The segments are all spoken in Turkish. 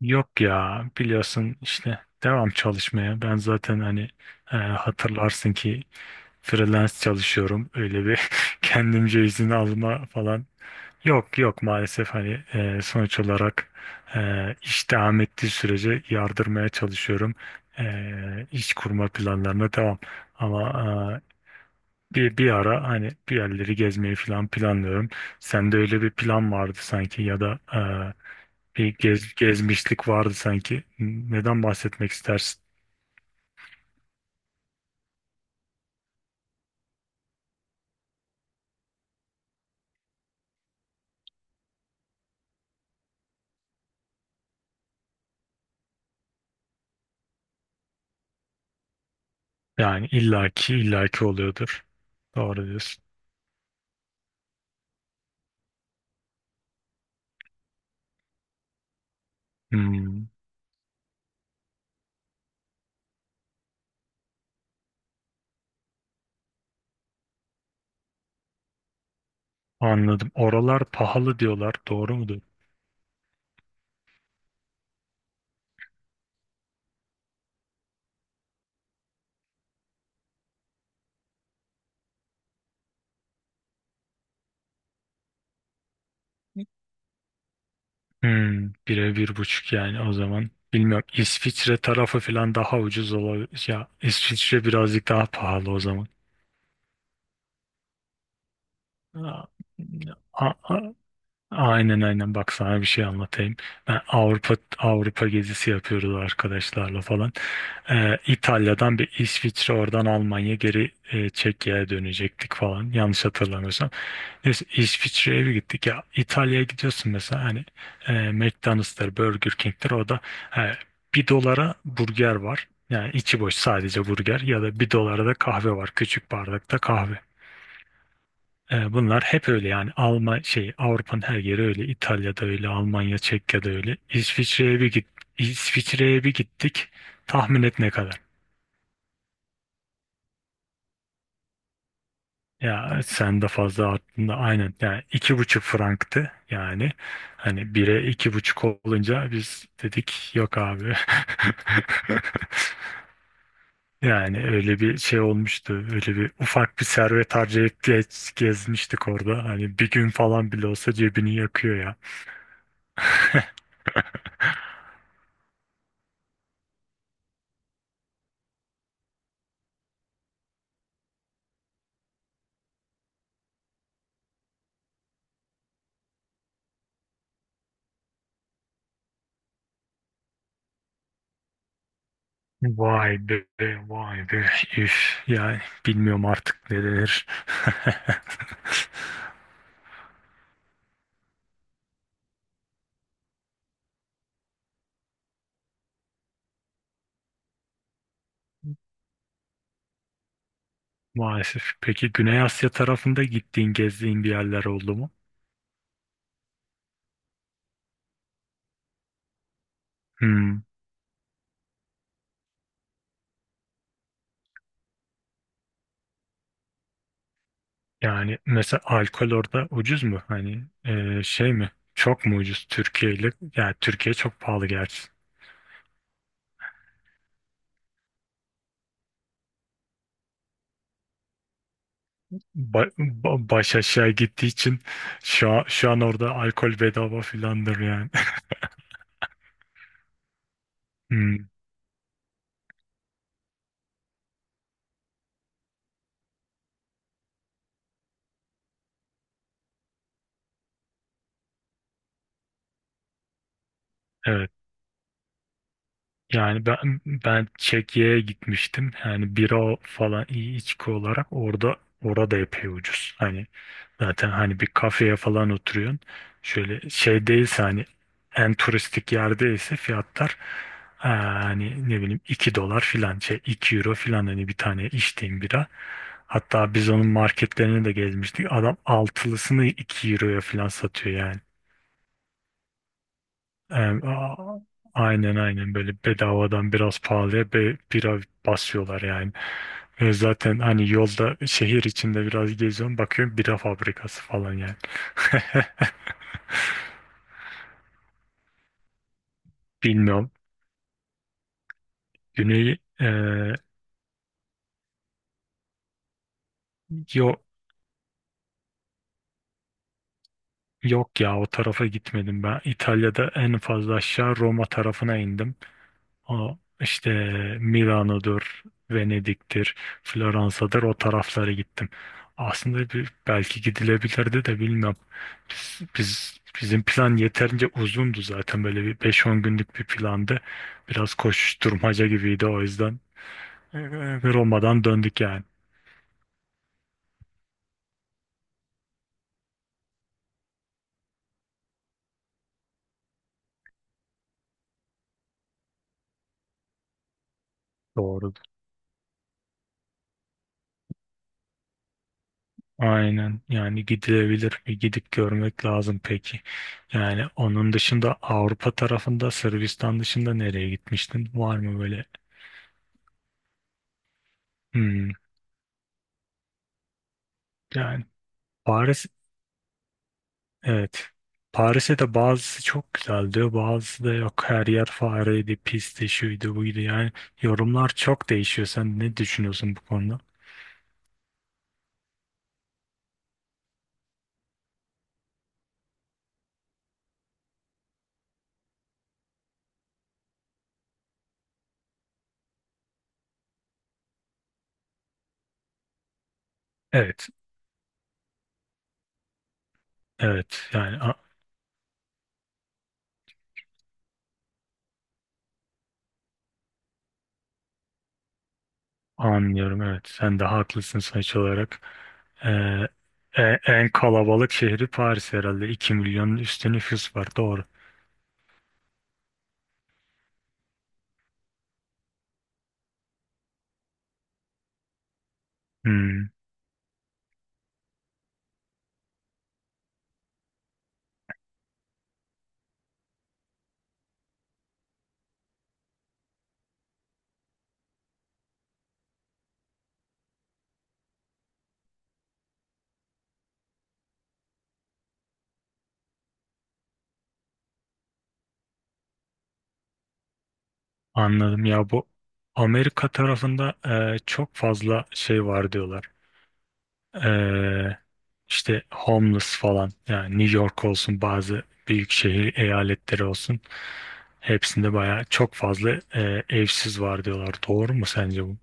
Yok ya, biliyorsun işte devam çalışmaya. Ben zaten hani hatırlarsın ki freelance çalışıyorum. Öyle bir kendimce izin alma falan. Yok yok, maalesef hani sonuç olarak e, iş devam ettiği sürece yardırmaya çalışıyorum. İş kurma planlarına devam. Ama e, bir ara hani bir yerleri gezmeyi falan planlıyorum. Sende öyle bir plan vardı sanki, ya da gezmişlik vardı sanki. Neden bahsetmek istersin? Yani illaki illaki oluyordur. Doğru diyorsun. Hmm, anladım. Oralar pahalı diyorlar, doğru mudur? Hmm, bire bir buçuk yani o zaman. Bilmiyorum, İsviçre tarafı falan daha ucuz olabilir. Ya İsviçre birazcık daha pahalı o zaman. Aa, aynen aynen, bak sana bir şey anlatayım. Ben Avrupa Avrupa gezisi yapıyoruz arkadaşlarla falan. İtalya'dan bir İsviçre, oradan Almanya, geri Çekya'ya dönecektik falan, yanlış hatırlamıyorsam. Neyse, İsviçre'ye bir gittik. Ya İtalya'ya gidiyorsun mesela, hani McDonald's'tır, Burger King'tir, o da e, bir dolara burger var. Yani içi boş sadece burger, ya da bir dolara da kahve var, küçük bardakta kahve. Bunlar hep öyle yani. Alman şey, Avrupa'nın her yeri öyle. İtalya'da öyle, Almanya, Çekya'da öyle. İsviçre'ye bir gittik. Tahmin et, ne kadar? Ya sen de fazla aklında, aynen, yani iki buçuk franktı yani. Hani bire iki buçuk olunca biz dedik yok abi. Yani öyle bir şey olmuştu, öyle bir ufak bir servet harcayıp gezmiştik orada. Hani bir gün falan bile olsa cebini yakıyor ya. Vay be, vay be. Üf, yani bilmiyorum artık ne denir. Maalesef. Peki Güney Asya tarafında gittiğin, gezdiğin bir yerler oldu mu? Hmm. Yani mesela alkol orada ucuz mu? Hani şey mi? Çok mu ucuz Türkiye ile? Yani Türkiye çok pahalı gerçi. Baş aşağı gittiği için şu an orada alkol bedava filandır yani. Hmm, evet. Yani ben Çekya'ya gitmiştim. Yani bira falan, iyi içki olarak orada orada epey ucuz. Hani zaten hani bir kafeye falan oturuyorsun. Şöyle şey değilse, hani en turistik yerdeyse fiyatlar hani ne bileyim 2 dolar filan, şey 2 euro filan, hani bir tane içtiğim bira. Hatta biz onun marketlerini de gezmiştik. Adam altılısını 2 euroya filan satıyor yani. Yani, aynen aynen, böyle bedavadan biraz pahalıya bira basıyorlar yani. Ve zaten hani yolda, şehir içinde biraz geziyorum, bakıyorum bira fabrikası falan yani. Bilmiyorum. Güney yok yok ya, o tarafa gitmedim ben. İtalya'da en fazla aşağı Roma tarafına indim. O işte Milano'dur, Venedik'tir, Floransa'dır, o taraflara gittim. Aslında belki gidilebilirdi de, bilmem. Bizim plan yeterince uzundu zaten, böyle bir beş on günlük bir plandı. Biraz koşuşturmaca gibiydi o yüzden. Ee, Roma'dan döndük yani. Doğru. Aynen yani, gidilebilir, bir gidip görmek lazım peki. Yani onun dışında Avrupa tarafında, Sırbistan dışında nereye gitmiştin? Var mı böyle? Hmm. Yani Paris, evet. Paris'e de bazısı çok güzel diyor, bazısı da yok. Her yer fareydi, pisti, şuydu, buydu. Yani yorumlar çok değişiyor. Sen ne düşünüyorsun bu konuda? Evet, evet. Yani anlıyorum, evet. Sen de haklısın sonuç olarak. Ee, en kalabalık şehri Paris herhalde. 2 milyonun üstü nüfus var, doğru. Hmm, anladım. Ya bu Amerika tarafında çok fazla şey var diyorlar. Ee, işte homeless falan, yani New York olsun, bazı büyük şehir eyaletleri olsun, hepsinde bayağı çok fazla evsiz var diyorlar. Doğru mu sence bu?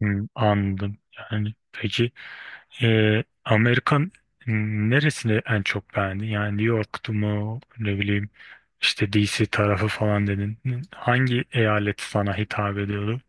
Hmm, anladım. Yani peki Amerikan, hmm, neresini en çok beğendin? Yani New York'tu mu, ne bileyim, işte DC tarafı falan dedin. Hangi eyalet sana hitap ediyordu?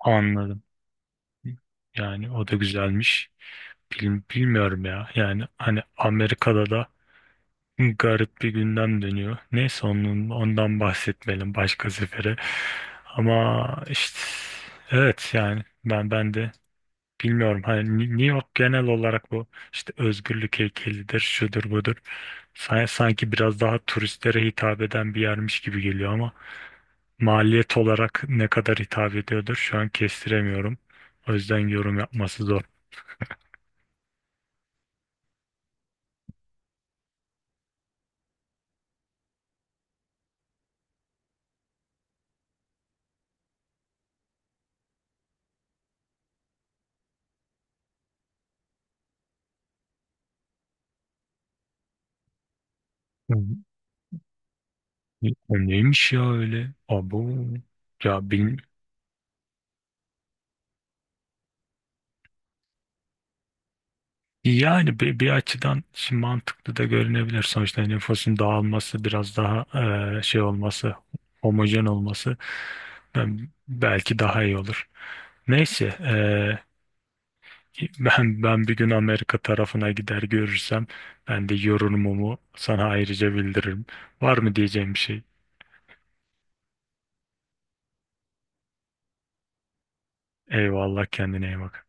Anladım. Yani o da güzelmiş. Bilmiyorum ya. Yani hani Amerika'da da garip bir gündem dönüyor. Neyse onun, ondan bahsetmeyelim, başka sefere. Ama işte evet yani ben de bilmiyorum. Hani New York genel olarak bu işte özgürlük heykelidir, şudur budur. Sanki biraz daha turistlere hitap eden bir yermiş gibi geliyor, ama maliyet olarak ne kadar hitap ediyordur şu an kestiremiyorum. O yüzden yorum yapması zor. O neymiş ya öyle? Abo. Ya bilmi- Yani bir açıdan şimdi mantıklı da görünebilir. Sonuçta nüfusun dağılması biraz daha şey olması, homojen olması belki daha iyi olur. Neyse, ben bir gün Amerika tarafına gider görürsem, ben de yorumumu sana ayrıca bildiririm. Var mı diyeceğim bir şey? Eyvallah, kendine iyi bak.